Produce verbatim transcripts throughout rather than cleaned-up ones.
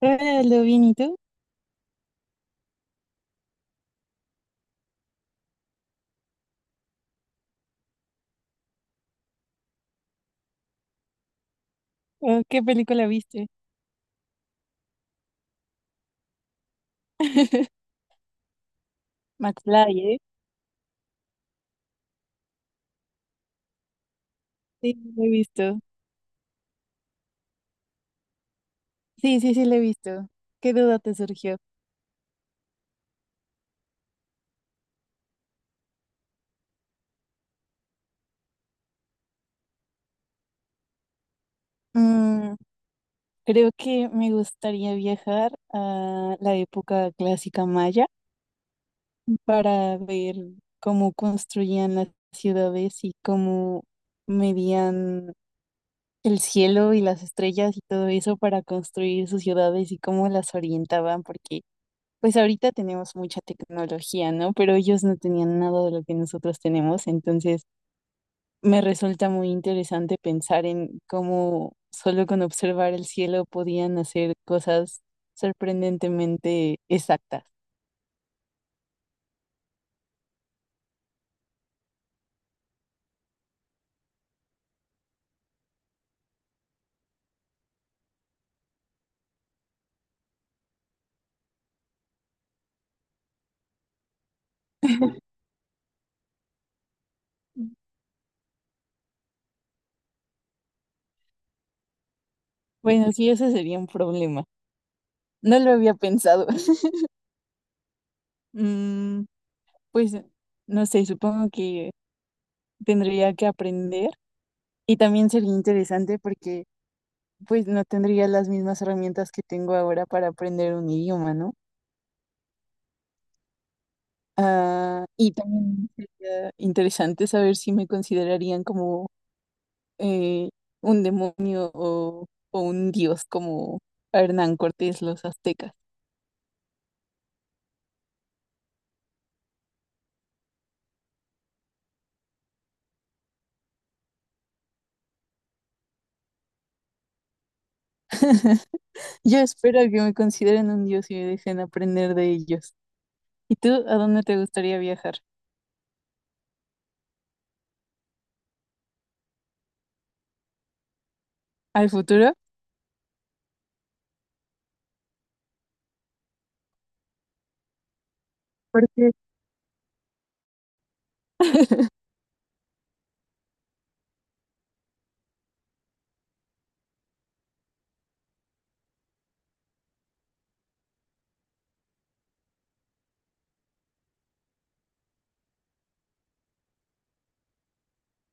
Hola, Aldo, bien, ¿y tú? Oh, ¿qué película viste? McFly, ¿eh? Sí, la he visto. Sí, sí, sí, la he visto. ¿Qué duda te surgió? Mm, Creo que me gustaría viajar a la época clásica maya para ver cómo construían las ciudades y cómo medían el cielo y las estrellas y todo eso para construir sus ciudades y cómo las orientaban, porque pues ahorita tenemos mucha tecnología, ¿no? Pero ellos no tenían nada de lo que nosotros tenemos, entonces me resulta muy interesante pensar en cómo solo con observar el cielo podían hacer cosas sorprendentemente exactas. Bueno, sí, ese sería un problema. No lo había pensado. Mm, pues no sé, supongo que tendría que aprender, y también sería interesante porque pues no tendría las mismas herramientas que tengo ahora para aprender un idioma, ¿no? Ah, y también sería interesante saber si me considerarían como eh, un demonio o, o un dios, como a Hernán Cortés los aztecas. Yo espero que me consideren un dios y me dejen aprender de ellos. ¿Y tú a dónde te gustaría viajar? ¿Al futuro? Porque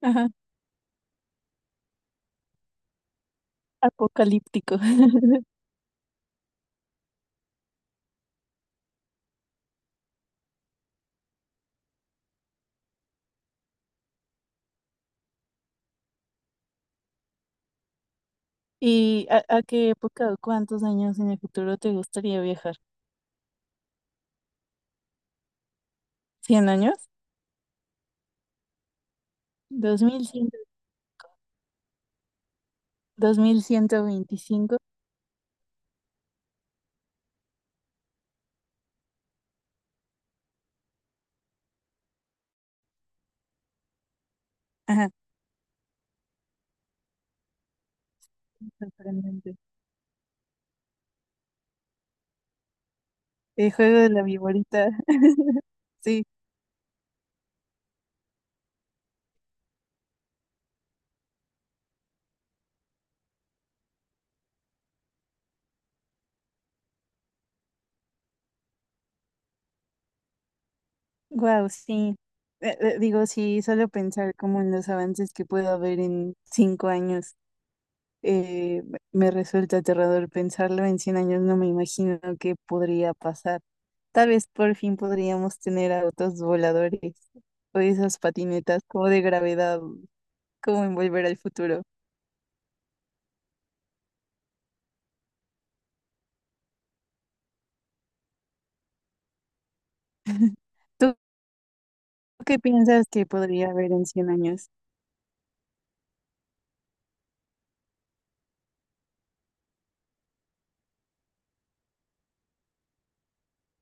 ajá, apocalíptico. ¿Y a, a qué época o cuántos años en el futuro te gustaría viajar? ¿Cien años? ¿Dos mil cien? ¿Dos mil ciento veinticinco? Ajá. Sorprendente. El juego de la viborita. Sí, wow, sí. Eh, eh, digo, sí, solo pensar como en los avances que puedo haber en cinco años, eh, me me resulta aterrador pensarlo. En cien años no me imagino qué podría pasar. Tal vez por fin podríamos tener autos voladores o esas patinetas como de gravedad, como en Volver al Futuro. ¿Tú qué piensas que podría haber en cien años?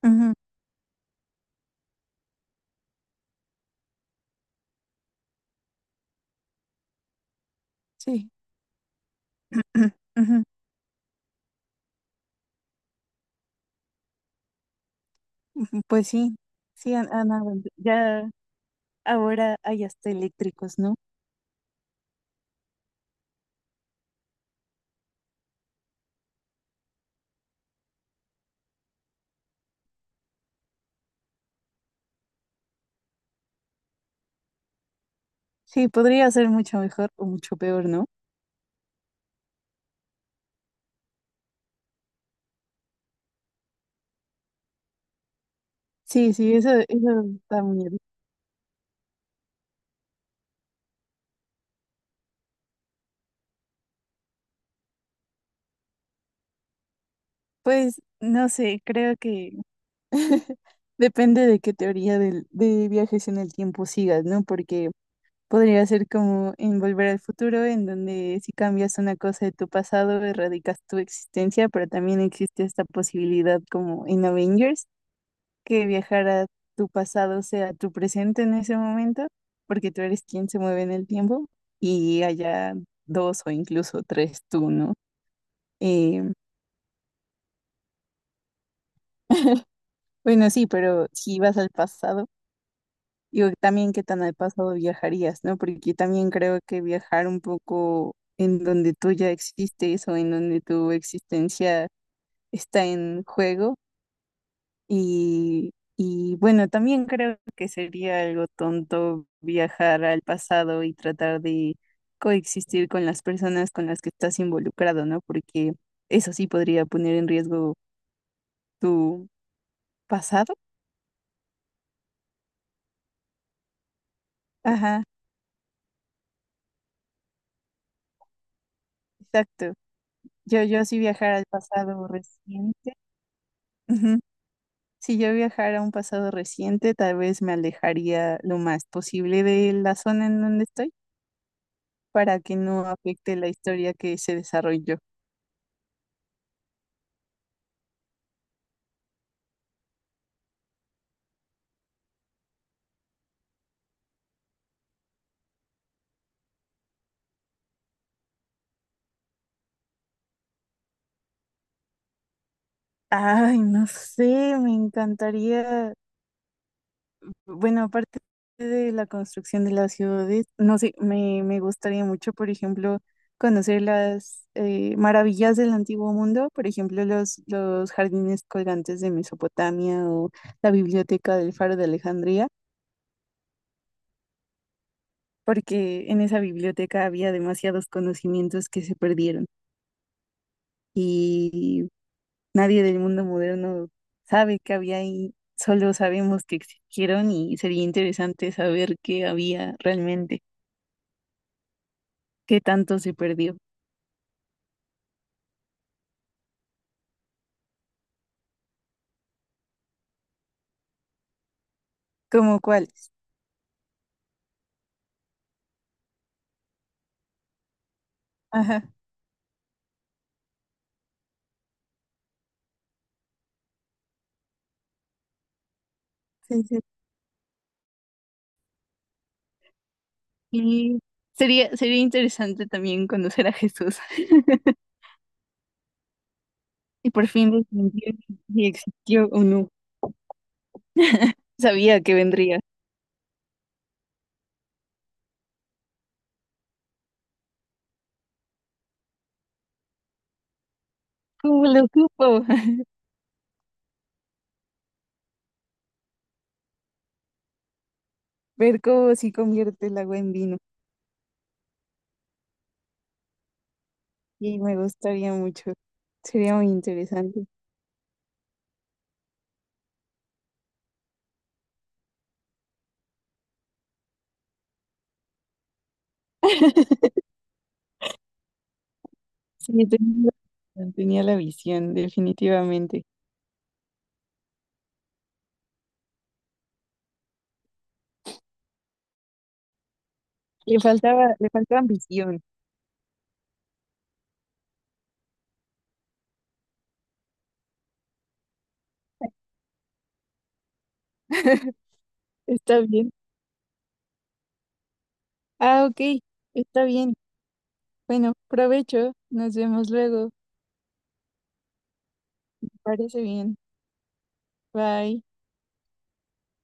Ujú, sí. Ujú. Ujú, pues sí, sí han, han avan- ya ahora hay hasta eléctricos, ¿no? Sí, podría ser mucho mejor o mucho peor, ¿no? Sí, sí, eso, eso da miedo. Pues no sé, creo que depende de qué teoría del, de viajes en el tiempo sigas, ¿no? Porque podría ser como en Volver al Futuro, en donde si cambias una cosa de tu pasado, erradicas tu existencia, pero también existe esta posibilidad como en Avengers, que viajar a tu pasado sea tu presente en ese momento, porque tú eres quien se mueve en el tiempo y haya dos o incluso tres tú, ¿no? Eh, bueno, sí, pero si vas al pasado, digo, también qué tan al pasado viajarías, ¿no? Porque también creo que viajar un poco en donde tú ya existes o en donde tu existencia está en juego. Y, y bueno, también creo que sería algo tonto viajar al pasado y tratar de coexistir con las personas con las que estás involucrado, ¿no? Porque eso sí podría poner en riesgo tu pasado. Ajá, exacto. Yo, yo si viajara al pasado reciente, ujú. Si yo viajara a un pasado reciente, tal vez me alejaría lo más posible de la zona en donde estoy para que no afecte la historia que se desarrolló. Ay, no sé, me encantaría. Bueno, aparte de la construcción de las ciudades, no sé, me, me gustaría mucho, por ejemplo, conocer las eh, maravillas del antiguo mundo, por ejemplo, los, los jardines colgantes de Mesopotamia o la biblioteca del Faro de Alejandría, porque en esa biblioteca había demasiados conocimientos que se perdieron. Nadie del mundo moderno sabe qué había ahí, solo sabemos que existieron y sería interesante saber qué había realmente, qué tanto se perdió, como cuáles. Ajá, sí, sí. Y sería, sería interesante también conocer a Jesús y por fin desmentir si existió o no. Sabía que vendría. ¿Cómo lo supo? Ver cómo se convierte el agua en vino. Y me gustaría mucho. Sería muy interesante. Sí, tenía, la tenía la visión, definitivamente. Le faltaba, le faltaba visión. Está bien. Ah, ok, está bien. Bueno, provecho. Nos vemos luego. Parece bien. Bye.